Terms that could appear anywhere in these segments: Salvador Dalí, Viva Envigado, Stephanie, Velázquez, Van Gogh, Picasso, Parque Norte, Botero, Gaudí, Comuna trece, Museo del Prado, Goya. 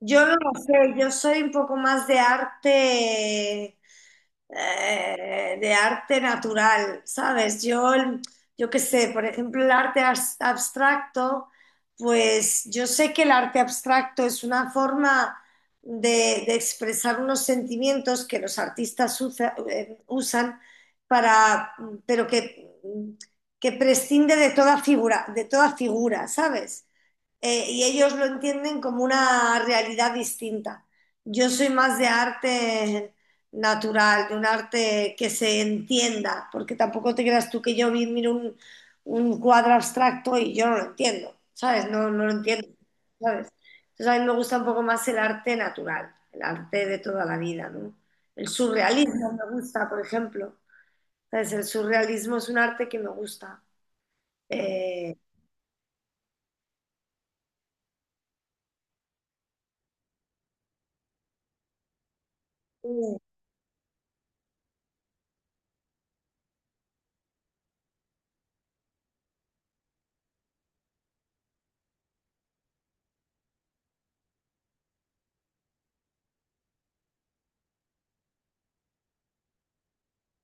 Yo no lo sé, yo soy un poco más de arte natural, ¿sabes? Yo, yo qué sé, por ejemplo, el arte abstracto, pues yo sé que el arte abstracto es una forma de expresar unos sentimientos que los artistas usan para, pero que prescinde de toda figura, ¿sabes? Y ellos lo entienden como una realidad distinta. Yo soy más de arte natural, de un arte que se entienda, porque tampoco te creas tú que yo miro un cuadro abstracto y yo no lo entiendo, ¿sabes? No, no lo entiendo, ¿sabes? Entonces a mí me gusta un poco más el arte natural, el arte de toda la vida, ¿no? El surrealismo me gusta, por ejemplo. ¿Sabes? El surrealismo es un arte que me gusta. Eh, sí,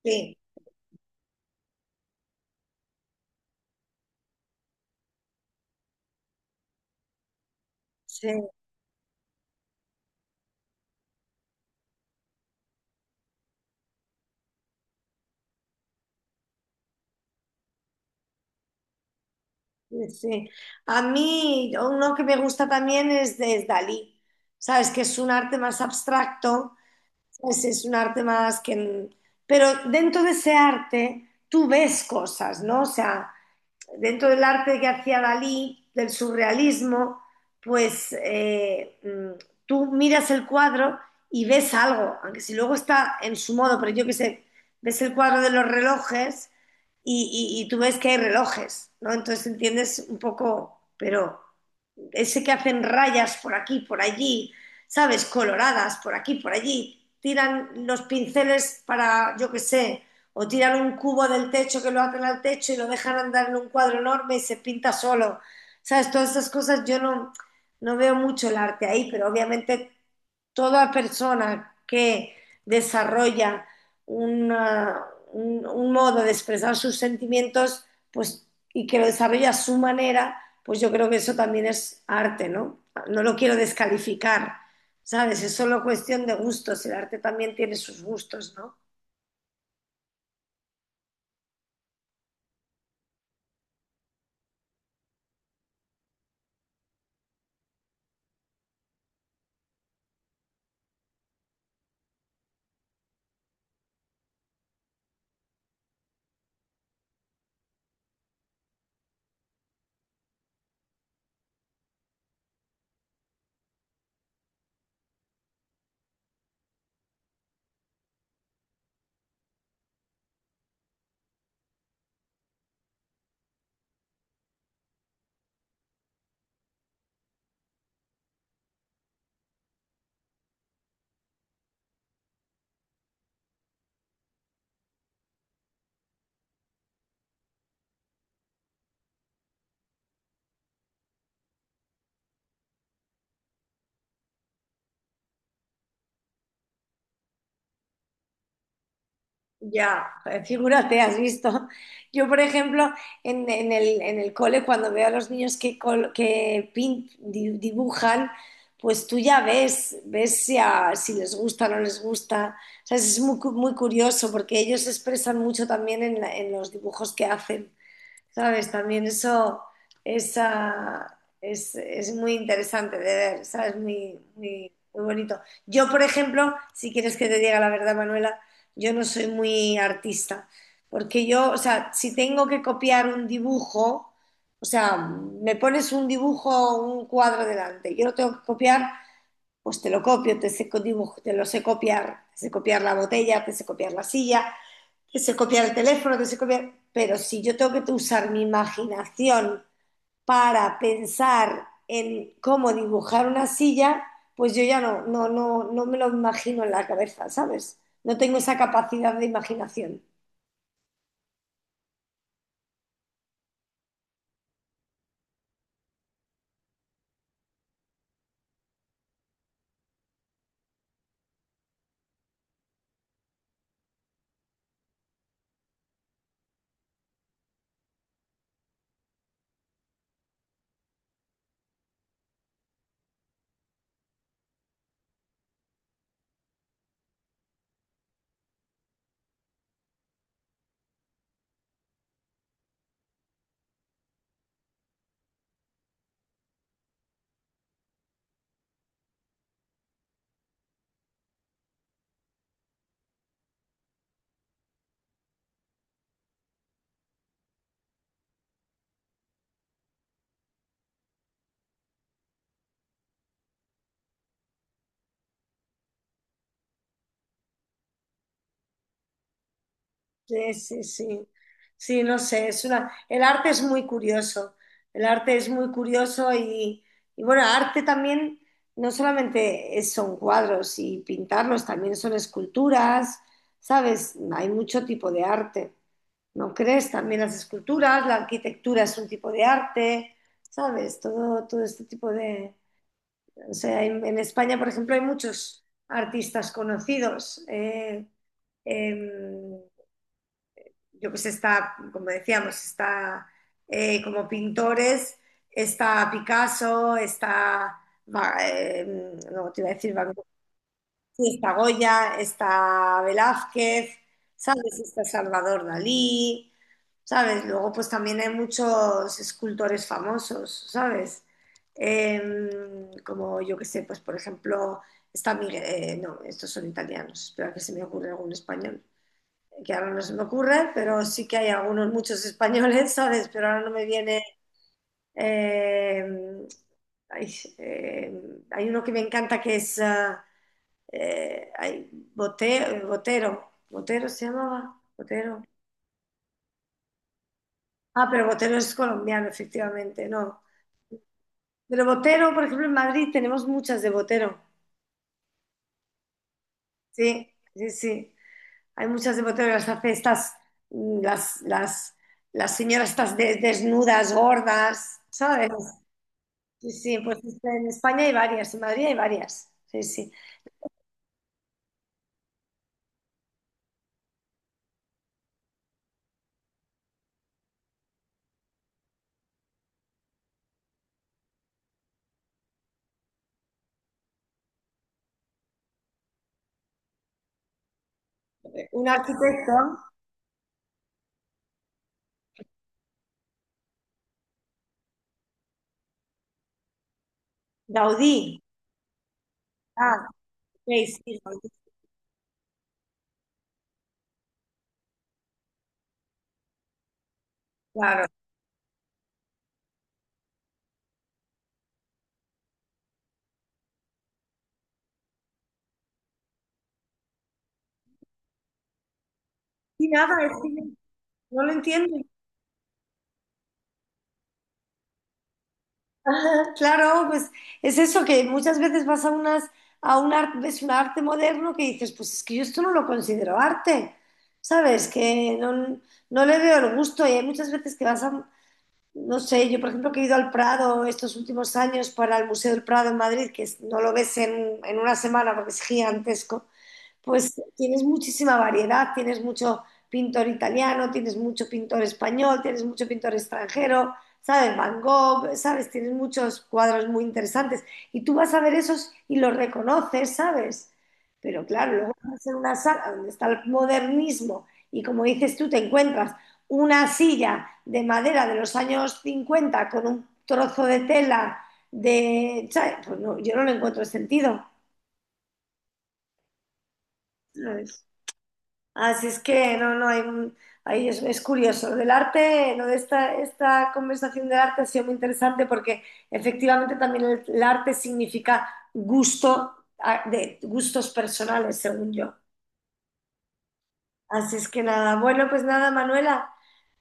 sí. Sí. Sí, sí. A mí uno que me gusta también es Dalí, ¿sabes? Que es un arte más abstracto, ¿sabes? Es un arte más que... Pero dentro de ese arte tú ves cosas, ¿no? O sea, dentro del arte que hacía Dalí, del surrealismo, pues tú miras el cuadro y ves algo, aunque si luego está en su modo, pero yo qué sé, ves el cuadro de los relojes y tú ves que hay relojes, ¿no? Entonces entiendes un poco, pero ese que hacen rayas por aquí, por allí, ¿sabes? Coloradas por aquí, por allí, tiran los pinceles para, yo qué sé, o tiran un cubo del techo que lo atan al techo y lo dejan andar en un cuadro enorme y se pinta solo. ¿Sabes? Todas esas cosas yo no, no veo mucho el arte ahí, pero obviamente toda persona que desarrolla una- un modo de expresar sus sentimientos, pues, y que lo desarrolla a su manera, pues yo creo que eso también es arte, ¿no? No lo quiero descalificar, ¿sabes? Es solo cuestión de gustos, el arte también tiene sus gustos, ¿no? Ya, figúrate, has visto. Yo, por ejemplo, en el cole, cuando veo a los niños que dibujan, pues tú ya ves, ves si les gusta o no les gusta. O sea, es muy curioso porque ellos se expresan mucho también en los dibujos que hacen. ¿Sabes? También eso es muy interesante de ver, ¿sabes? Muy, muy, muy bonito. Yo, por ejemplo, si quieres que te diga la verdad, Manuela, yo no soy muy artista, porque yo, o sea, si tengo que copiar un dibujo, o sea, me pones un dibujo, un cuadro delante, yo lo tengo que copiar, pues te lo copio, te sé, te lo sé copiar, te sé copiar la botella, te sé copiar la silla, que se copiar el teléfono, que se copiar. Pero si yo tengo que usar mi imaginación para pensar en cómo dibujar una silla, pues yo ya no, no, no, no me lo imagino en la cabeza, ¿sabes? No tengo esa capacidad de imaginación. Sí, sí, sí. Sí, no sé, es una... El arte es muy curioso. El arte es muy curioso y bueno, arte también no solamente son cuadros y pintarlos, también son esculturas, ¿sabes? Hay mucho tipo de arte. ¿No crees? También las esculturas, la arquitectura es un tipo de arte, ¿sabes? Todo, todo este tipo de... O sea, en España, por ejemplo, hay muchos artistas conocidos. Em, yo pues está, como decíamos, está como pintores, está Picasso, está, Va- eh, no te iba a decir Van Gogh, sí, está Goya, está Velázquez, ¿sabes? Está Salvador Dalí, ¿sabes? Luego pues también hay muchos escultores famosos, ¿sabes? Em, Como yo que sé, pues por ejemplo, está Miguel, no, estos son italianos, espera que se me ocurre algún español que ahora no se me ocurre, pero sí que hay algunos, muchos españoles, ¿sabes? Pero ahora no me viene... eh, ay, eh, Hay uno que me encanta que es... eh, ay, Botero. ¿Botero se llamaba? Botero. Ah, pero Botero es colombiano, efectivamente, no. Pero Botero, por ejemplo, en Madrid tenemos muchas de Botero. Sí, sí, sí. Hay muchas de Botero, las hace estas, mm, las, las, las señoras estas desnudas, gordas, ¿sabes? Sí, sí, pues este, en España hay varias, en Madrid hay varias. Sí, sí. Un arquitecto, Gaudí. Ah, ok, sí, Gaudí, claro. Y nada, es que no lo entiendo. Ajá, claro, pues es eso que muchas veces vas a unas a un arte, ves un arte moderno que dices, pues es que yo esto no lo considero arte, ¿sabes? Que no, no le veo el gusto y hay muchas veces que vas a, no sé, yo por ejemplo que he ido al Prado estos últimos años para el Museo del Prado en Madrid, que no lo ves en una semana porque es gigantesco, pues tienes muchísima variedad, tienes mucho pintor italiano, tienes mucho pintor español, tienes mucho pintor extranjero, ¿sabes? Van Gogh, ¿sabes? Tienes muchos cuadros muy interesantes y tú vas a ver esos y los reconoces, ¿sabes? Pero claro, luego vas a hacer una sala donde está el modernismo y como dices tú, te encuentras una silla de madera de los años 50 con un trozo de tela de... ¿sabes? Pues no, yo no le encuentro sentido. Así es que no, no, hay ahí es curioso. Lo del arte, lo de esta conversación del arte ha sido muy interesante porque efectivamente también el arte significa gusto, de gustos personales, según yo. Así es que nada, bueno, pues nada, Manuela,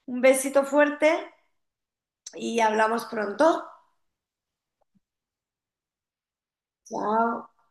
un besito fuerte y hablamos pronto. Chao.